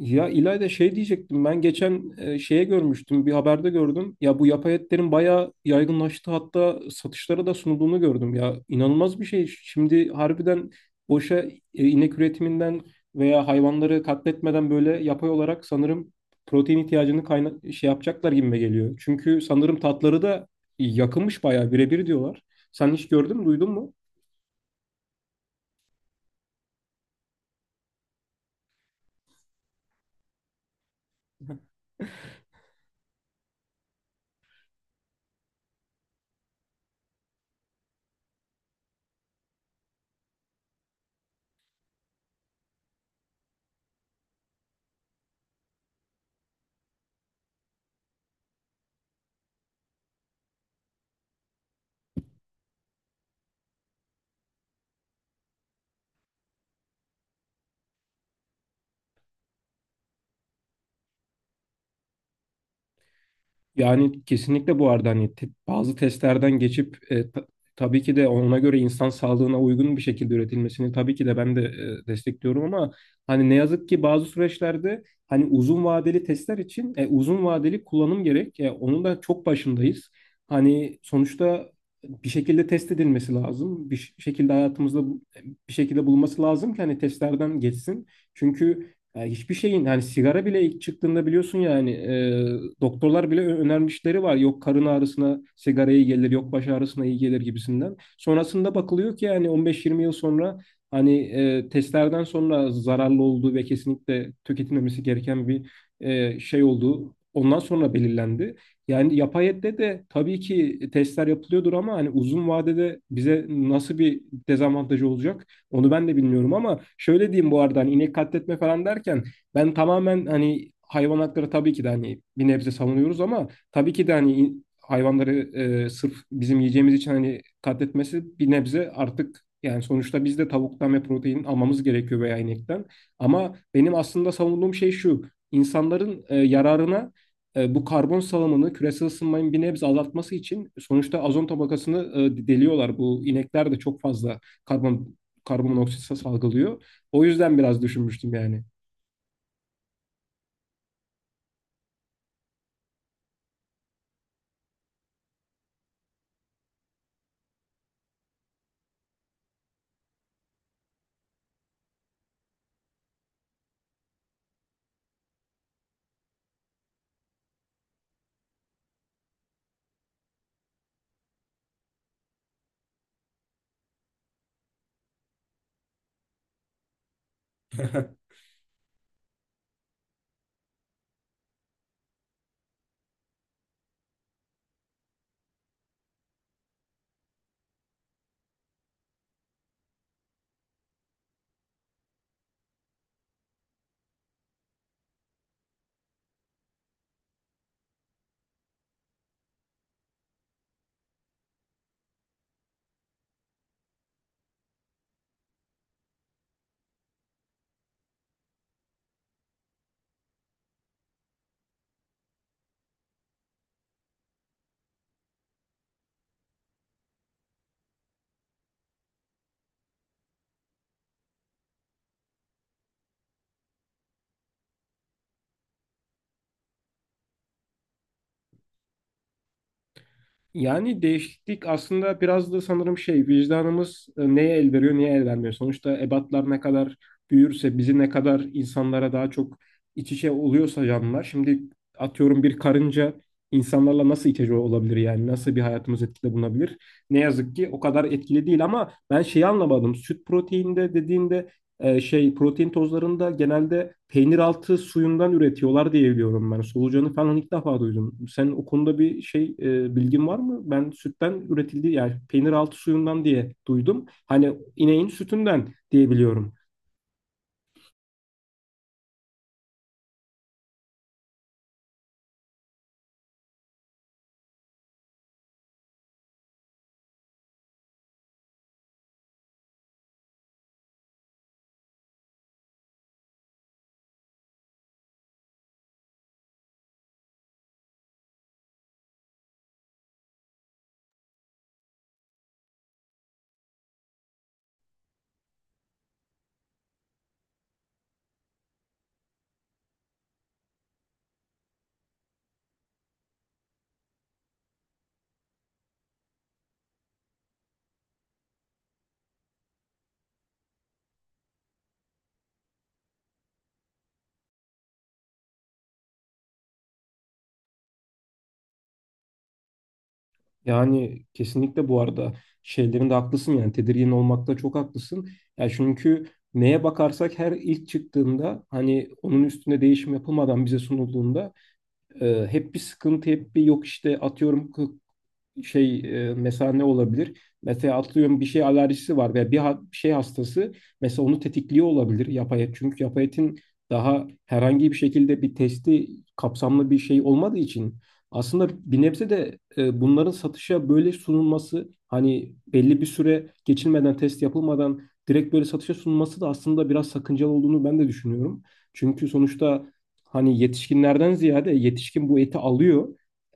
Ya İlayda şey diyecektim ben geçen şeye görmüştüm bir haberde gördüm. Ya bu yapay etlerin bayağı yaygınlaştı, hatta satışlara da sunulduğunu gördüm. Ya inanılmaz bir şey. Şimdi harbiden boşa inek üretiminden veya hayvanları katletmeden böyle yapay olarak sanırım protein ihtiyacını kayna şey yapacaklar gibime geliyor. Çünkü sanırım tatları da yakınmış, bayağı birebir diyorlar. Sen hiç gördün mü, duydun mu? Yani kesinlikle bu arada hani bazı testlerden geçip tabii ki de ona göre insan sağlığına uygun bir şekilde üretilmesini tabii ki de ben de destekliyorum, ama hani ne yazık ki bazı süreçlerde hani uzun vadeli testler için uzun vadeli kullanım gerek. Onun da çok başındayız. Hani sonuçta bir şekilde test edilmesi lazım. Bir şekilde hayatımızda bir şekilde bulunması lazım ki hani testlerden geçsin. Çünkü ya hiçbir şeyin hani sigara bile ilk çıktığında biliyorsun, yani doktorlar bile önermişleri var. Yok karın ağrısına sigara iyi gelir, yok baş ağrısına iyi gelir gibisinden. Sonrasında bakılıyor ki yani 15-20 yıl sonra hani testlerden sonra zararlı olduğu ve kesinlikle tüketilmemesi gereken bir şey olduğu ondan sonra belirlendi. Yani yapay ette de tabii ki testler yapılıyordur, ama hani uzun vadede bize nasıl bir dezavantajı olacak? Onu ben de bilmiyorum, ama şöyle diyeyim, bu arada hani inek katletme falan derken ben tamamen hani hayvan hakları tabii ki de hani bir nebze savunuyoruz, ama tabii ki de hani hayvanları sırf bizim yiyeceğimiz için hani katletmesi bir nebze artık, yani sonuçta biz de tavuktan ve protein almamız gerekiyor veya inekten. Ama benim aslında savunduğum şey şu. İnsanların yararına bu karbon salımını, küresel ısınmayı bir nebze azaltması için sonuçta ozon tabakasını deliyorlar. Bu inekler de çok fazla karbon karbonmonoksit salgılıyor. O yüzden biraz düşünmüştüm yani. Yani değişiklik aslında biraz da sanırım şey, vicdanımız neye el veriyor, neye el vermiyor. Sonuçta ebatlar ne kadar büyürse bizi ne kadar insanlara daha çok iç içe oluyorsa canlılar. Şimdi atıyorum bir karınca insanlarla nasıl iç içe olabilir, yani nasıl bir hayatımız etkide bulunabilir? Ne yazık ki o kadar etkili değil, ama ben şeyi anlamadım. Süt proteinde dediğinde şey protein tozlarında genelde peynir altı suyundan üretiyorlar diye biliyorum ben. Solucanı falan ilk defa duydum. Sen o konuda bir şey bilgin var mı? Ben sütten üretildiği, yani peynir altı suyundan diye duydum. Hani ineğin sütünden diye biliyorum. Yani kesinlikle bu arada şeylerinde haklısın, yani tedirgin olmakta çok haklısın. Yani çünkü neye bakarsak her ilk çıktığında hani onun üstüne değişim yapılmadan bize sunulduğunda, hep bir sıkıntı, hep bir yok işte atıyorum şey mesela ne olabilir? Mesela atlıyorum bir şey alerjisi var veya bir, bir şey hastası, mesela onu tetikliyor olabilir yapay et. Çünkü yapay etin daha herhangi bir şekilde bir testi, kapsamlı bir şey olmadığı için aslında bir nebze de bunların satışa böyle sunulması, hani belli bir süre geçilmeden, test yapılmadan direkt böyle satışa sunulması da aslında biraz sakıncalı olduğunu ben de düşünüyorum. Çünkü sonuçta hani yetişkinlerden ziyade yetişkin bu eti alıyor.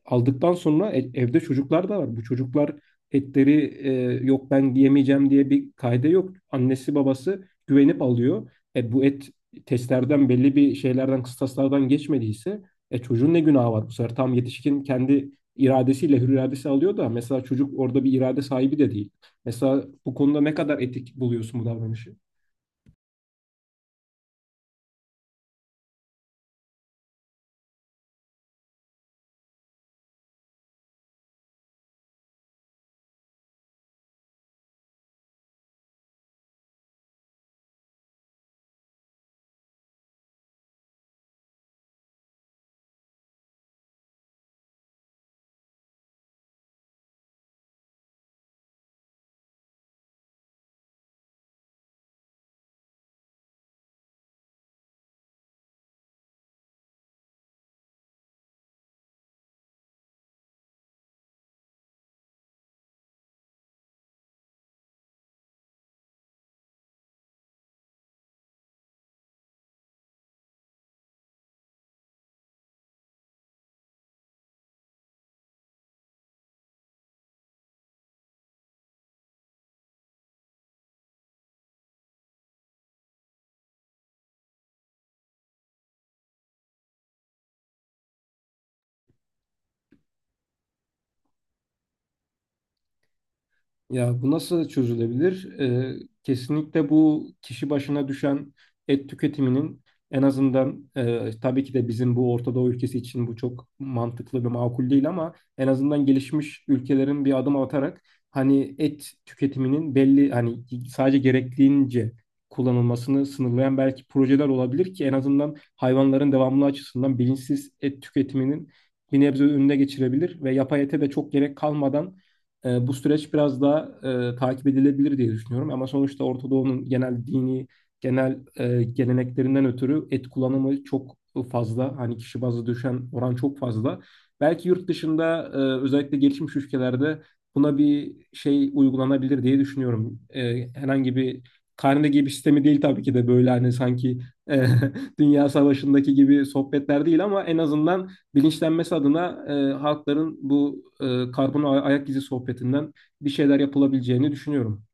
Aldıktan sonra evde çocuklar da var. Bu çocuklar etleri e, yok ben yemeyeceğim diye bir kaide yok. Annesi babası güvenip alıyor. Bu et testlerden, belli bir şeylerden, kıstaslardan geçmediyse çocuğun ne günahı var bu sefer? Tam yetişkin kendi iradesiyle, hür iradesi alıyor da mesela çocuk orada bir irade sahibi de değil. Mesela bu konuda ne kadar etik buluyorsun bu davranışı? Ya bu nasıl çözülebilir? Kesinlikle bu kişi başına düşen et tüketiminin en azından, tabii ki de bizim bu Orta Doğu ülkesi için bu çok mantıklı ve makul değil, ama en azından gelişmiş ülkelerin bir adım atarak hani et tüketiminin belli, hani sadece gerektiğince kullanılmasını sınırlayan belki projeler olabilir ki en azından hayvanların devamlı açısından bilinçsiz et tüketiminin bir nebze önüne geçirebilir ve yapay ete de çok gerek kalmadan bu süreç biraz daha takip edilebilir diye düşünüyorum. Ama sonuçta Orta Doğu'nun genel dini, genel geleneklerinden ötürü et kullanımı çok fazla. Hani kişi bazlı düşen oran çok fazla. Belki yurt dışında özellikle gelişmiş ülkelerde buna bir şey uygulanabilir diye düşünüyorum. Herhangi bir karne gibi bir sistemi değil tabii ki de, böyle hani sanki e, Dünya Savaşı'ndaki gibi sohbetler değil, ama en azından bilinçlenmesi adına halkların bu karbon ayak izi sohbetinden bir şeyler yapılabileceğini düşünüyorum.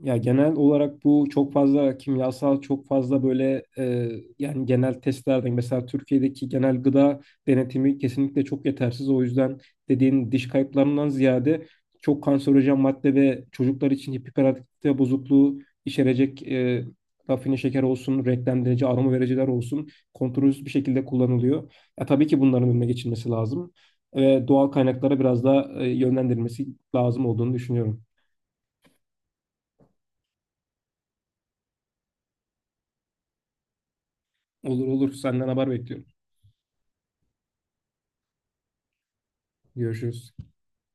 Ya genel olarak bu çok fazla kimyasal, çok fazla böyle yani genel testlerden, mesela Türkiye'deki genel gıda denetimi kesinlikle çok yetersiz. O yüzden dediğin diş kayıplarından ziyade çok kanserojen madde ve çocuklar için hiperaktivite bozukluğu içerecek rafine şeker olsun, renklendirici, aroma vericiler olsun kontrolsüz bir şekilde kullanılıyor. Ya tabii ki bunların önüne geçilmesi lazım ve doğal kaynaklara biraz daha yönlendirilmesi lazım olduğunu düşünüyorum. Olur olur, senden haber bekliyorum. Görüşürüz.